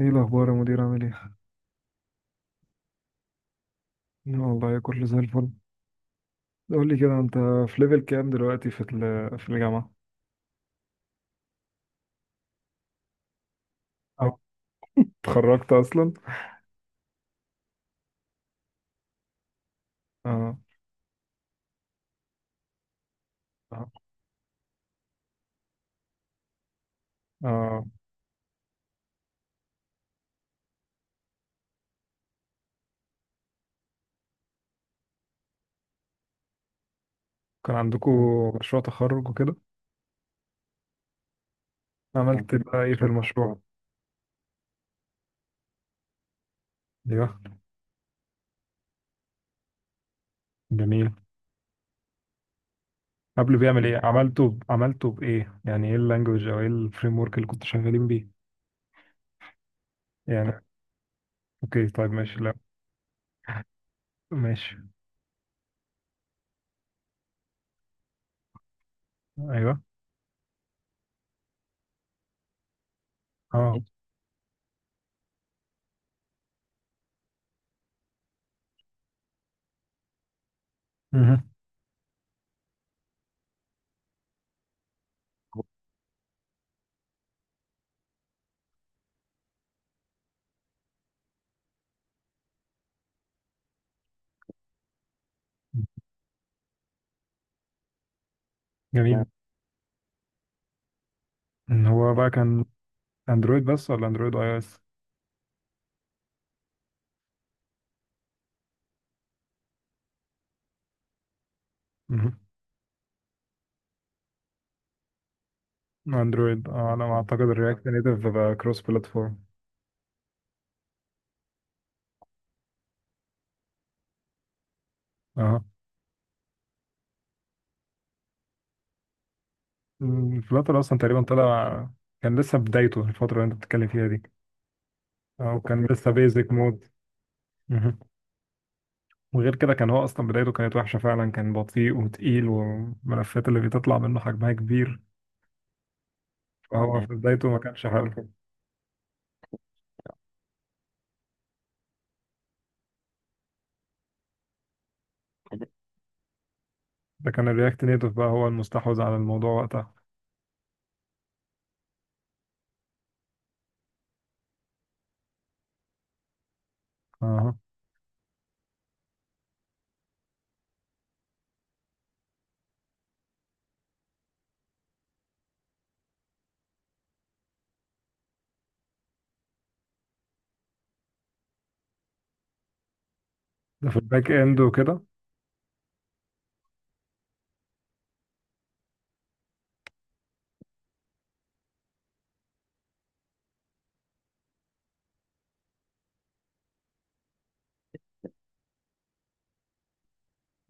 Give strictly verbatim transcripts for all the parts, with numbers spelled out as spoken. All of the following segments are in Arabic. ايه الاخبار يا مدير عامل ايه؟ لا والله كله زي الفل. قول لي كده انت، في ليفل كام دلوقتي في ال- في الجامعه؟ اه، اتخرجت اصلا. اه. اه. اه، كان عندكم مشروع تخرج وكده؟ عملت بقى ايه في المشروع؟ ايوه. جميل. قبل بيعمل ايه، عملته ب... عملته بايه، يعني ايه اللانجوج او ايه الفريم ورك اللي كنتوا شغالين بيه؟ يعني اوكي طيب ماشي، لا. ماشي. ايوه. اه. مهم. جميل. هو بقى كان اندرويد بس ولا اندرويد اي او اس؟ اندرويد، اه، على ما اعتقد الرياكت نيتف بقى كروس بلاتفورم. اه، الفلاتر اصلا تقريبا طلع، كان لسه بدايته الفتره اللي انت بتتكلم فيها دي. اه وكان لسه بيزك مود. مهم. وغير كده كان هو اصلا بدايته كانت وحشه فعلا، كان بطيء وتقيل والملفات اللي بتطلع منه حجمها كبير. فهو مم. في بدايته ما كانش حلو. ده كان الرياكت نيتف بقى هو المستحوذ على الموضوع وقتها. اه، ده في الباك اند وكده.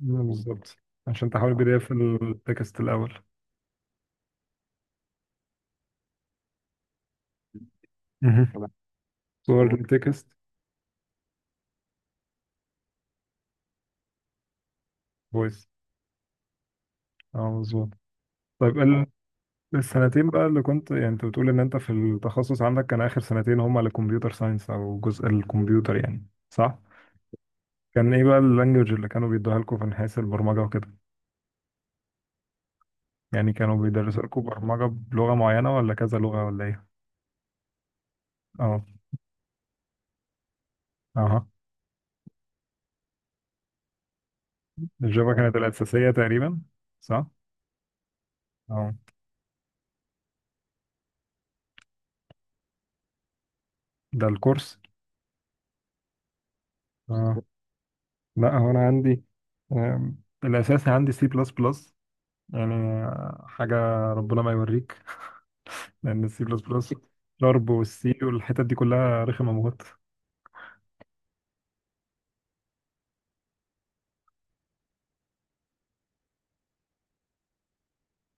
مم، بالظبط. عشان تحول بي دي اف التكست الاول. مهم. صور، مظبوط، للتكست. فويس. اه مظبوط. طيب ال- السنتين بقى اللي كنت، يعني انت بتقول ان انت في التخصص عندك كان اخر سنتين هما الكمبيوتر ساينس او جزء الكمبيوتر، يعني صح؟ كان ايه بقى اللانجوج اللي كانوا بيدوها لكم في نحاس البرمجة وكده؟ يعني كانوا بيدرسوا لكم برمجة بلغة معينة ولا كذا لغة ولا ايه؟ اه. اها. الجافا كانت الأساسية تقريبا، صح؟ اه. ده الكورس. اه، لا هو انا عندي، آم، الأساسي عندي سي بلس بلس، يعني آه، حاجة ربنا ما يوريك، لان السي بلس بلس شارب والسي والحتت دي كلها رخمه موت.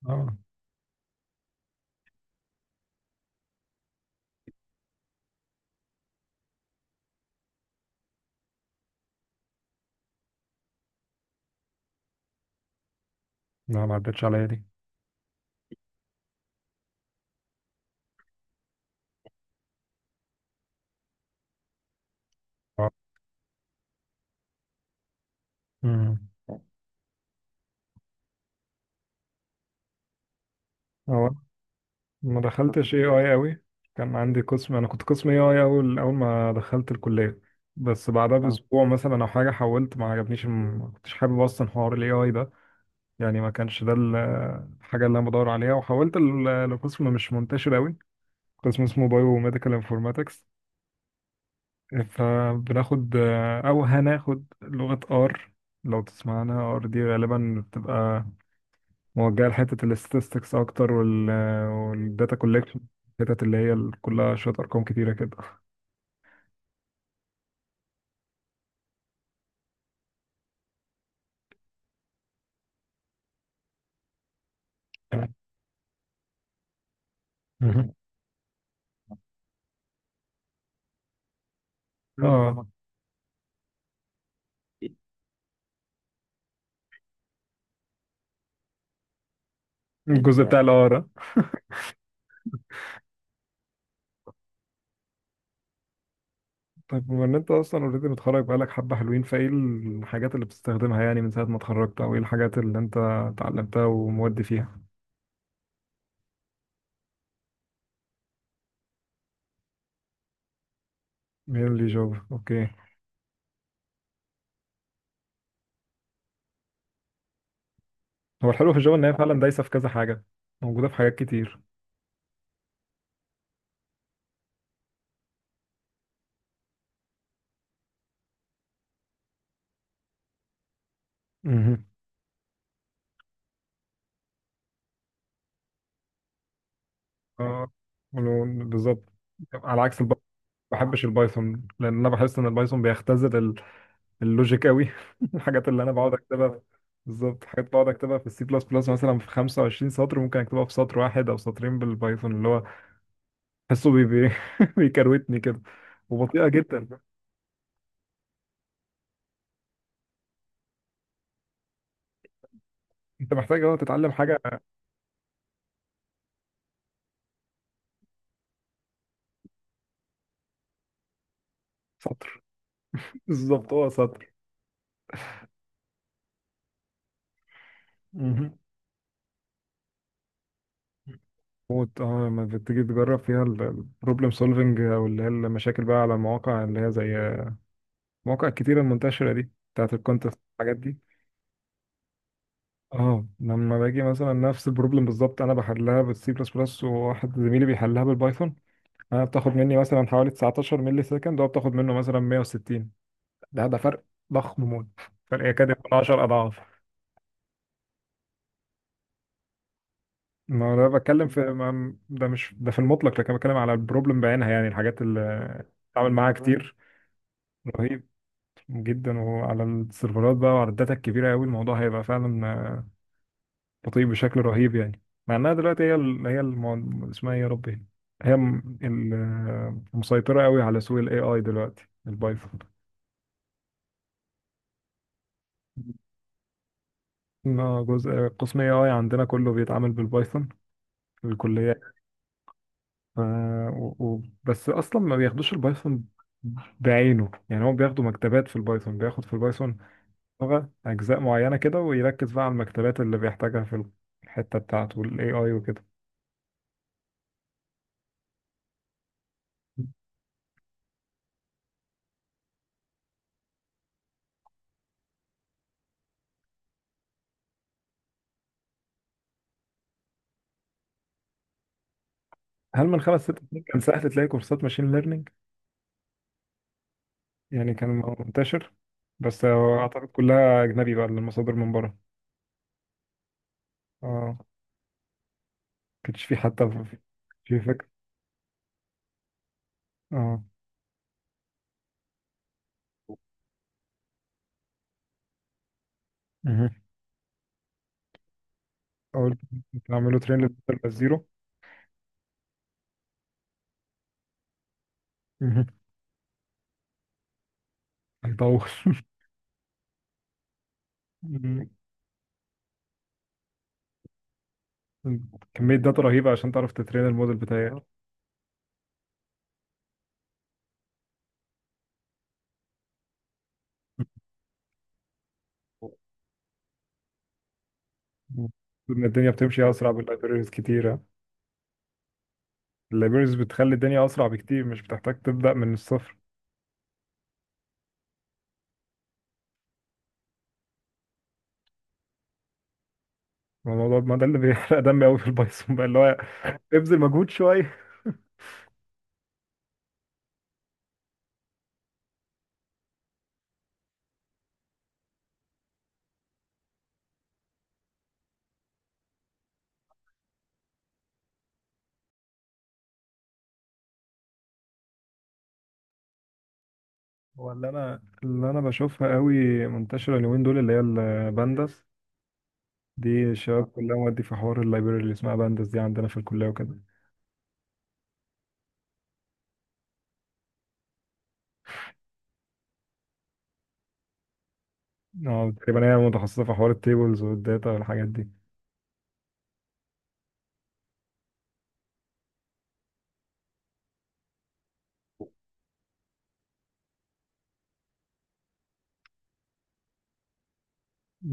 اه، لا ما عدتش عليا دي. آه. امم. هو ما دخلتش اي اي قوي، كان عندي قسم، انا كنت قسم اي اي اول اول ما دخلت الكليه، بس بعدها اه باسبوع مثلا او حاجه حولت، ما عجبنيش الم- ما كنتش حابب اصلا حوار الاي اي ده. يعني ما كانش ده ال- الحاجه اللي انا بدور عليها، وحولت ل- لقسم مش منتشر قوي، قسم اسمه بايو ميديكال انفورماتكس. فبناخد، او هناخد لغة ار. لو تسمعنا ار دي غالبا بتبقى موجهة لحتة الاستاتستكس اكتر، وال والداتا كولكشن. الحتت اللي هي كلها شوية ارقام كتيرة كده. مهم. اه، الجزء بتاع الار. طيب بما ان انت اصلا اوريدي متخرج بقالك حبة حلوين، فايه الحاجات اللي بتستخدمها يعني من ساعة ما اتخرجت، او ايه الحاجات اللي انت اتعلمتها ومودي فيها؟ مين اللي جافا، اوكي. هو الحلو في الجافا ان هي فعلا دايسة في كذا حاجة، موجودة في حاجات كتير. مهم. اه، ولو- بالظبط. على عكس الب... ما بحبش البايثون، لان انا بحس ان البايثون بيختزل ال- اللوجيك قوي. الحاجات اللي انا بقعد اكتبها في- بالظبط، حاجات بقعد اكتبها في السي بلس بلس مثلا في خمسة وعشرين سطر ممكن اكتبها في سطر واحد او سطرين بالبايثون، اللي هو بحسه بي... بي... بيكروتني كده، وبطيئه جدا. انت محتاج اه تتعلم حاجه. سطر. بالظبط، هو سطر. مهم. موت. اه، لما بتيجي تجرب فيها البروبلم سولفنج، او اللي هي المشاكل بقى على مواقع اللي هي زي مواقع كتيرة المنتشرة دي بتاعت الكونتست، الحاجات دي. اه، لما باجي مثلا نفس البروبلم بالظبط انا بحلها بالسي بلس بلس وواحد زميلي بيحلها بالبايثون، انا بتاخد مني مثلا حوالي تسعة عشر ملي سكند وهو بتاخد منه مثلا مية وستين. ده ده فرق ضخم موت، فرق يكاد يكون عشرة اضعاف. ما هو ده بتكلم في، ما ده مش ده في المطلق، لكن بتكلم على البروبلم بعينها يعني الحاجات اللي بتعمل معاها كتير. رهيب جدا، وعلى السيرفرات بقى وعلى الداتا الكبيرة قوي الموضوع هيبقى فعلا تطير بشكل رهيب يعني. مع انها دلوقتي هي ال... هي الم... اسمها ايه يا ربي، هي م- ال- مسيطرة قوي على سوق الاي اي دلوقتي، البايثون. ما جزء، قسم اي اي عندنا كله بيتعامل بالبايثون في الكلية. ف... و... و... بس اصلا ما بياخدوش البايثون بعينه، يعني هو بياخدوا مكتبات في البايثون، بياخد في البايثون لغة اجزاء معينة كده، ويركز بقى على المكتبات اللي بيحتاجها في الحتة بتاعته الاي اي وكده. هل من خمس ست سنين كان سهل تلاقي كورسات ماشين ليرنينج؟ يعني كان منتشر؟ بس هو اعتقد كلها اجنبي بقى المصادر من بره. اه، كانش في حتى في في فكره. اه. مهم. قلت تعملوا ترين للموديل بس زيرو. مهم. هيطول. مم. كمية داتا رهيبة عشان تعرف تترين الموديل بتاعي، إن. الدنيا بتمشي أسرع باللايبريز كتيرة. اللايبريز بتخلي الدنيا أسرع بكتير، مش بتحتاج تبدأ من الصفر. الموضوع، ما ده اللي بيحرق دمي أوي في البايثون بقى، اللي هو ابذل مجهود شوية. هو اللي انا اللي انا بشوفها قوي منتشره اليومين دول اللي هي البانداس، دي الشباب كلها مودي في حوار اللايبراري اللي اسمها بانداس دي، عندنا في الكليه وكده. اه، تقريبا هي متخصصه في حوار التيبلز والداتا والحاجات دي.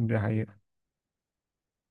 دي حقيقه.